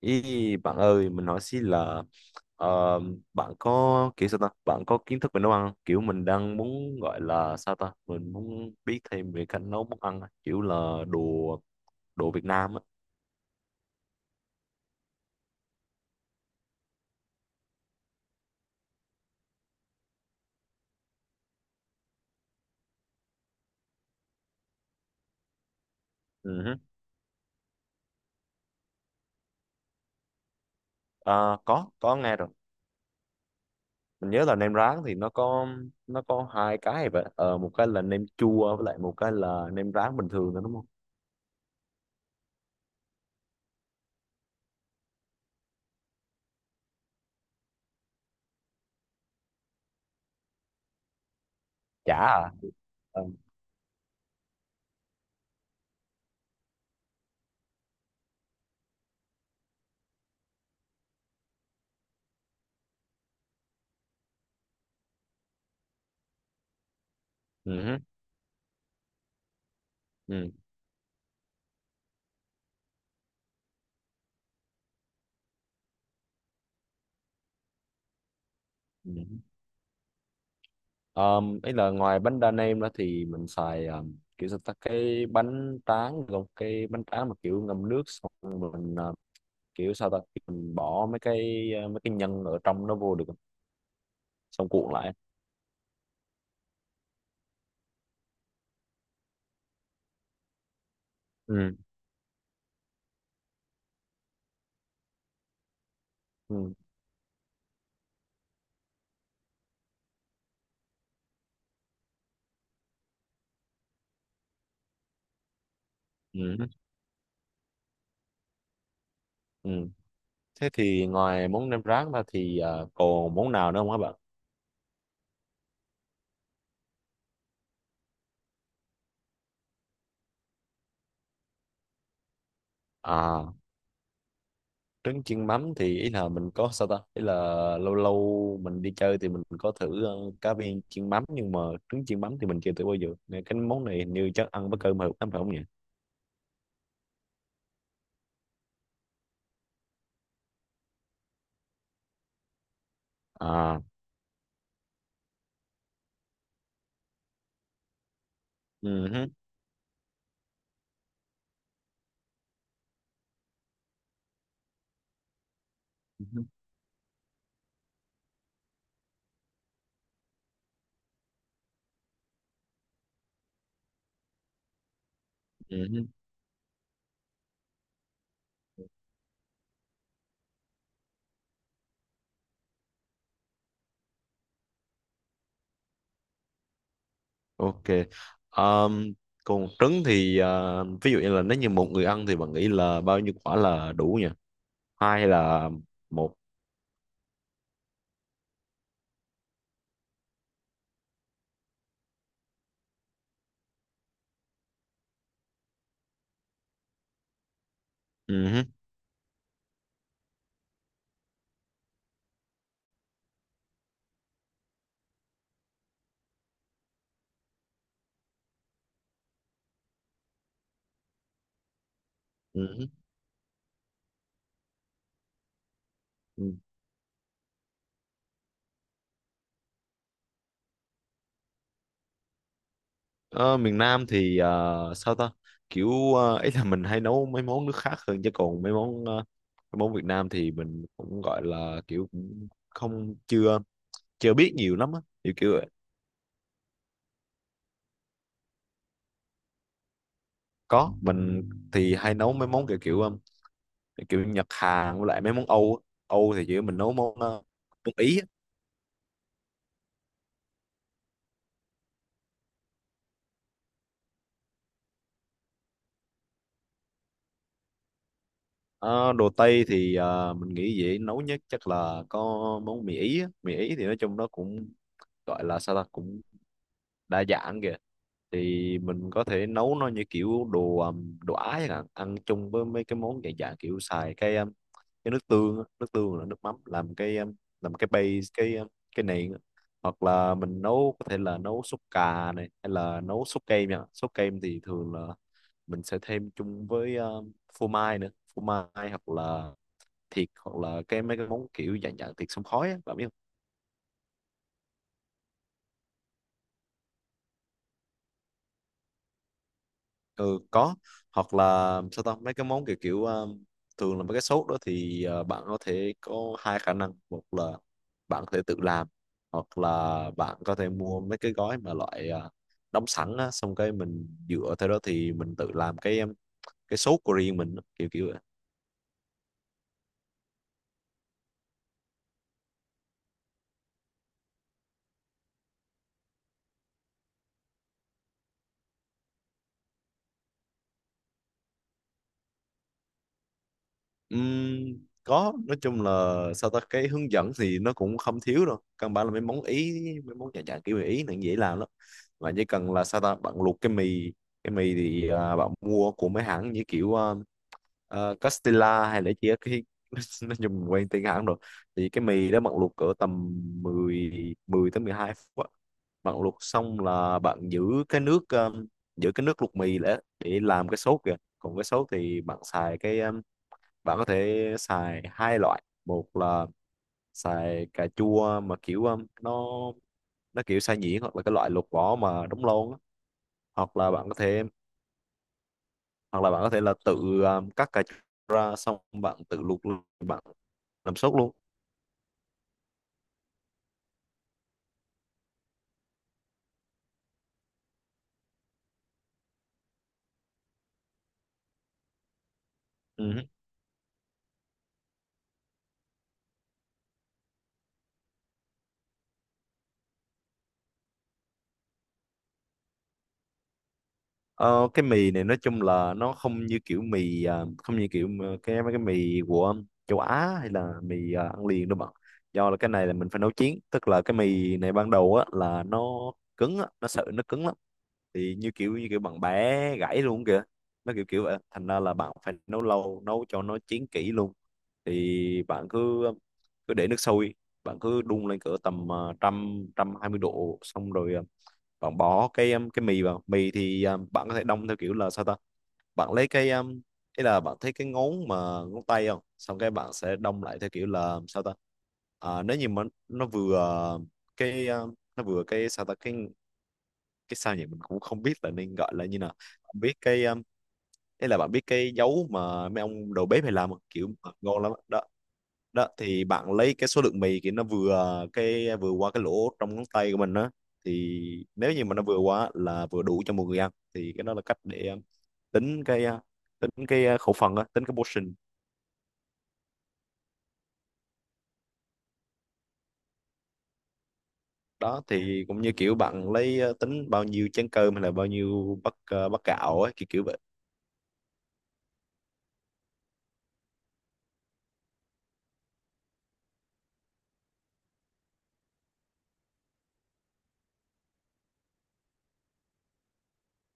Ý, bạn ơi, mình hỏi xí là ờ, bạn có kiểu sao ta? Bạn có kiến thức về nấu ăn không? Kiểu mình đang muốn gọi là sao ta? Mình muốn biết thêm về cách nấu món ăn, á, kiểu là đồ đồ Việt Nam á. Ừ hứ. Ờ, có nghe rồi. Mình nhớ là nem rán thì nó có hai cái vậy. Ờ, một cái là nem chua với lại một cái là nem rán bình thường đó đúng không? Chả à? Ờ. Ừ hứ, ừ, ừ. Ý là ngoài bánh đa nem đó thì mình xài kiểu sao ta cái bánh tráng, gồm cái bánh tráng mà kiểu ngâm nước xong rồi mình kiểu sao ta mình bỏ mấy cái mấy cái nhân ở trong nó vô được không? Xong cuộn lại. Ừ. Ừ. Ừ. Ừ. Thế thì ngoài món nem rán ra thì còn món nào nữa không các bạn? À, trứng chiên mắm thì ý là mình có sao ta, ý là lâu lâu mình đi chơi thì mình có thử cá viên chiên mắm, nhưng mà trứng chiên mắm thì mình chưa thử bao giờ, nên cái món này hình như chắc ăn với cơm hợp lắm phải không nhỉ? À. Ừ hứ, ừ hứ, ừ hứ. Ok. Ờm, Còn trứng thì ví dụ như là nếu như một người ăn thì bạn nghĩ là bao nhiêu quả là đủ nhỉ? Hai hay là một? Ừ hứ, ừ hứ. Ờ, miền Nam thì sao ta, kiểu ý là mình hay nấu mấy món nước khác hơn, chứ còn mấy món mấy món Việt Nam thì mình cũng gọi là kiểu cũng không, chưa chưa biết nhiều lắm á, kiểu kiểu vậy. Có, mình thì hay nấu mấy món kiểu kiểu kiểu Nhật Hàn, với lại mấy món Âu á. Âu thì chỉ mình nấu món món Ý á. Ờ, đồ Tây thì mình nghĩ dễ nấu nhất chắc là có món mì Ý á. Mì Ý thì nói chung nó cũng, gọi là sao ta, cũng đa dạng kìa. Thì mình có thể nấu nó như kiểu đồ đồ Á chẳng hạn, ăn chung với mấy cái món dạng dạng kiểu, xài cái nước tương á, nước tương là nước mắm làm cái làm cái base, cái nền á. Hoặc là mình nấu, có thể là nấu súp cà này, hay là nấu súp kem nha. Súp kem thì thường là mình sẽ thêm chung với phô mai nữa, phô mai hoặc là thịt, hoặc là cái mấy cái món kiểu dạng dạng thịt xông khói á, bạn biết. Ừ, có. Hoặc là sao ta, mấy cái món kiểu kiểu thường là mấy cái sốt đó thì bạn có thể có hai khả năng: một là bạn có thể tự làm, hoặc là bạn có thể mua mấy cái gói mà loại đóng sẵn á, xong cái mình dựa theo đó thì mình tự làm cái sốt của riêng mình á, kiểu kiểu. Ừm, có, nói chung là sao ta, cái hướng dẫn thì nó cũng không thiếu đâu, căn bản là mấy món ý, mấy món nhà dạng kiểu người ý này dễ làm lắm. Bạn chỉ cần là sao ta, bạn luộc cái mì. Cái mì thì bạn mua của mấy hãng như kiểu Castilla, hay là chỉ cái nó dùng quen tên hãng rồi. Thì cái mì đó bạn luộc cỡ tầm 10 10 tới 12 phút á. Bạn luộc xong là bạn giữ cái nước, giữ cái nước luộc mì để làm cái sốt kìa. Còn cái sốt thì bạn xài cái, bạn có thể xài hai loại: một là xài cà chua mà kiểu nó kiểu xay nhuyễn, hoặc là cái loại lột vỏ mà đóng lon á. hoặc là bạn có thể hoặc là bạn có thể là tự cắt cà chua ra, xong bạn tự luộc luôn, bạn làm sốt luôn. Ừ. Ờ, cái mì này nói chung là nó không như kiểu mì, không như kiểu mà cái mấy cái mì của châu Á, hay là mì ăn liền đâu bạn, do là cái này là mình phải nấu chín, tức là cái mì này ban đầu á là nó cứng á, nó sợi nó cứng lắm, thì như kiểu bạn bé gãy luôn kìa, nó kiểu kiểu vậy, thành ra là bạn phải nấu lâu, nấu cho nó chín kỹ luôn. Thì bạn cứ cứ để nước sôi, bạn cứ đun lên cỡ tầm 120 độ, xong rồi bạn bỏ cái mì vào. Mì thì bạn có thể đông theo kiểu là sao ta, bạn lấy cái, ý là bạn thấy cái ngón mà ngón tay không, xong cái bạn sẽ đông lại theo kiểu là sao ta. À, nếu như mà nó vừa cái, nó vừa cái sao ta, cái sao nhỉ, mình cũng không biết là nên gọi là như nào, không biết cái, đấy là bạn biết cái dấu mà mấy ông đầu bếp hay làm không? Kiểu mà ngon lắm á. Đó, đó thì bạn lấy cái số lượng mì kiểu nó vừa cái, vừa qua cái lỗ trong ngón tay của mình á. Thì nếu như mà nó vừa quá, là vừa đủ cho một người ăn, thì cái đó là cách để tính cái khẩu phần á, tính cái portion. Đó thì cũng như kiểu bạn lấy tính bao nhiêu chén cơm hay là bao nhiêu bát bát gạo ấy, kiểu kiểu vậy.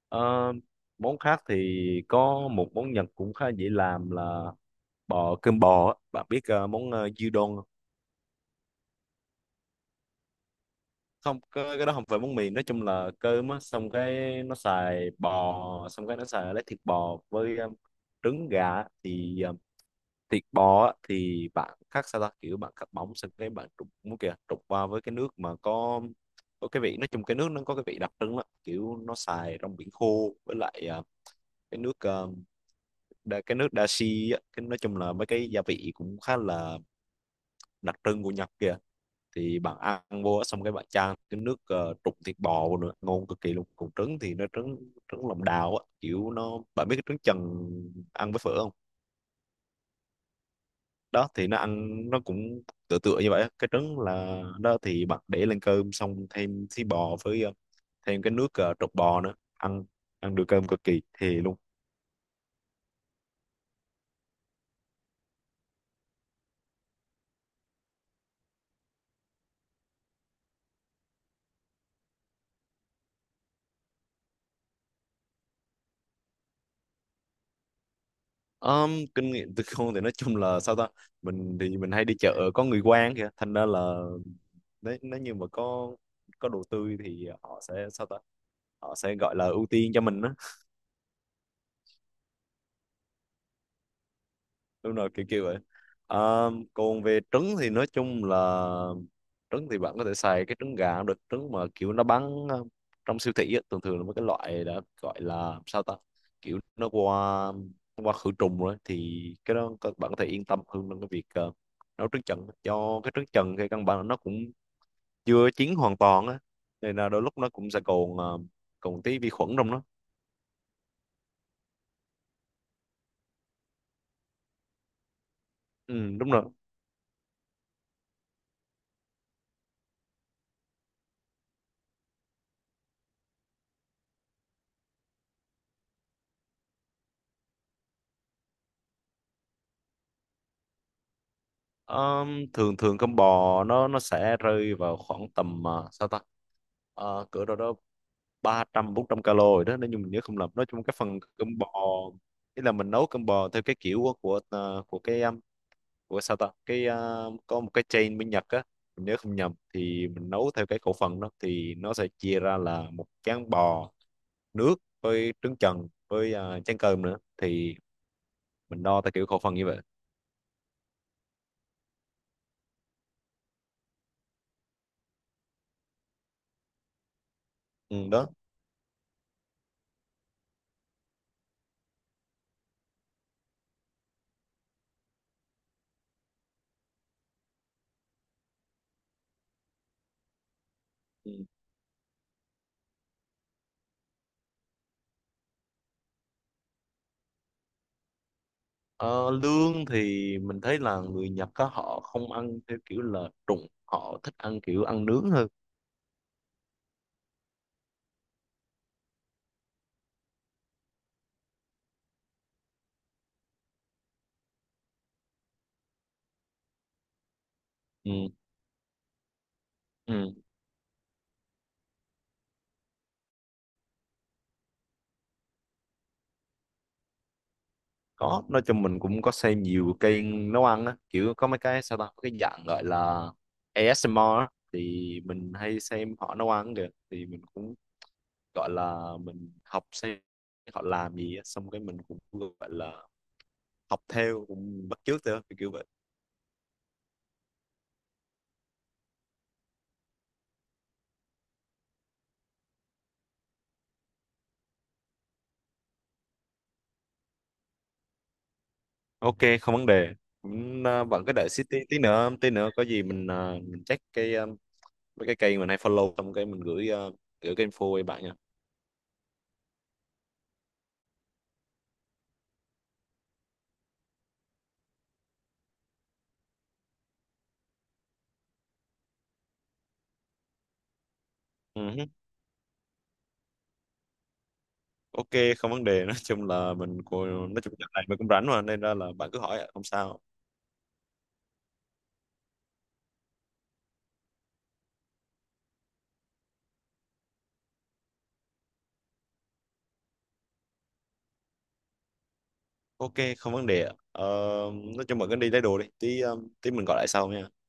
Ờ, món khác thì có một món Nhật cũng khá dễ làm là cơm bò á. Bạn biết món gyudon không? Không, cái đó không phải món mì, nói chung là cơm á, xong cái nó xài bò, xong cái nó xài lấy thịt bò với trứng gà á. Thì thịt bò á, thì bạn cắt sao ta, kiểu bạn cắt bóng, xong cái bạn trụng muốn kìa, trụng qua với cái nước mà có cái vị, nói chung cái nước nó có cái vị đặc trưng đó, kiểu nó xài rong biển khô với lại cái nước cái nước dashi á, cái nói chung là mấy cái gia vị cũng khá là đặc trưng của Nhật kìa. Thì bạn ăn vô á, xong cái bạn chan cái nước trụng thịt bò vô nữa, ngon cực kỳ luôn. Còn trứng thì nó trứng trứng lòng đào á, kiểu nó, bạn biết cái trứng chần ăn với phở không? Đó thì nó ăn nó cũng tựa tựa như vậy á. Cái trứng là đó, thì bạn để lên cơm xong thêm thí bò với thêm cái nước trụng bò nữa, ăn ăn được cơm cực kỳ thì. Kinh nghiệm từ con thì nói chung là sao ta, mình thì mình hay đi chợ có người quen kìa, thành ra là nếu nếu như mà có đồ tươi thì họ sẽ sao ta, họ sẽ gọi là ưu tiên cho mình á. Đúng rồi, kiểu kiểu vậy. Ờ, còn về trứng thì nói chung là trứng thì bạn có thể xài cái trứng gà cũng được, trứng mà kiểu nó bán trong siêu thị á, thường thường là mấy cái loại đã gọi là sao ta, kiểu nó qua khử trùng rồi, thì cái đó các bạn có thể yên tâm hơn trong cái việc nấu trứng trần. Cho cái trứng trần thì căn bản là nó cũng chưa chín hoàn toàn á, nên là đôi lúc nó cũng sẽ còn tí vi khuẩn trong nó. Ừ, đúng rồi. Thường thường con bò nó sẽ rơi vào khoảng tầm sao ta, ờ, cỡ đâu đó 300-400 calo rồi đó, nếu như mình nhớ không lầm. Nói chung cái phần cơm bò, ý là mình nấu cơm bò theo cái kiểu của cái của sao ta, cái có một cái chain bên Nhật á, mình nhớ không nhầm thì mình nấu theo cái khẩu phần đó, thì nó sẽ chia ra là một chén bò nước với trứng chần với chén cơm nữa, thì mình đo theo kiểu khẩu phần như vậy. Ừ, đó. Ừ. Ờ, lương thì mình thấy là người Nhật á họ không ăn theo kiểu là trụng, họ thích ăn kiểu ăn nướng hơn. Ừ, ừ. Có, nói chung mình cũng có xem nhiều kênh nấu ăn á, kiểu có mấy cái sao ta, có cái dạng gọi là ASMR á, thì mình hay xem họ nấu ăn kìa, thì mình cũng gọi là mình học, xem họ làm gì á, xong cái mình cũng gọi là học theo, cũng bắt chước theo kiểu vậy. Ok, không vấn đề. Cũng, bạn cứ đợi xí tí, tí nữa có gì mình check cái mấy cái kênh mình hay follow, xong cái mình gửi cái info cho bạn nha. Ừ, hứ. Ok, không vấn đề, nói chung là mình cô, nói chung là này mình cũng rảnh mà, nên ra là bạn cứ hỏi ạ, không sao. Ok, không vấn đề ạ. Ờ, nói chung bạn cứ đi lấy đồ đi, tí ờ, tí mình gọi lại sau nha.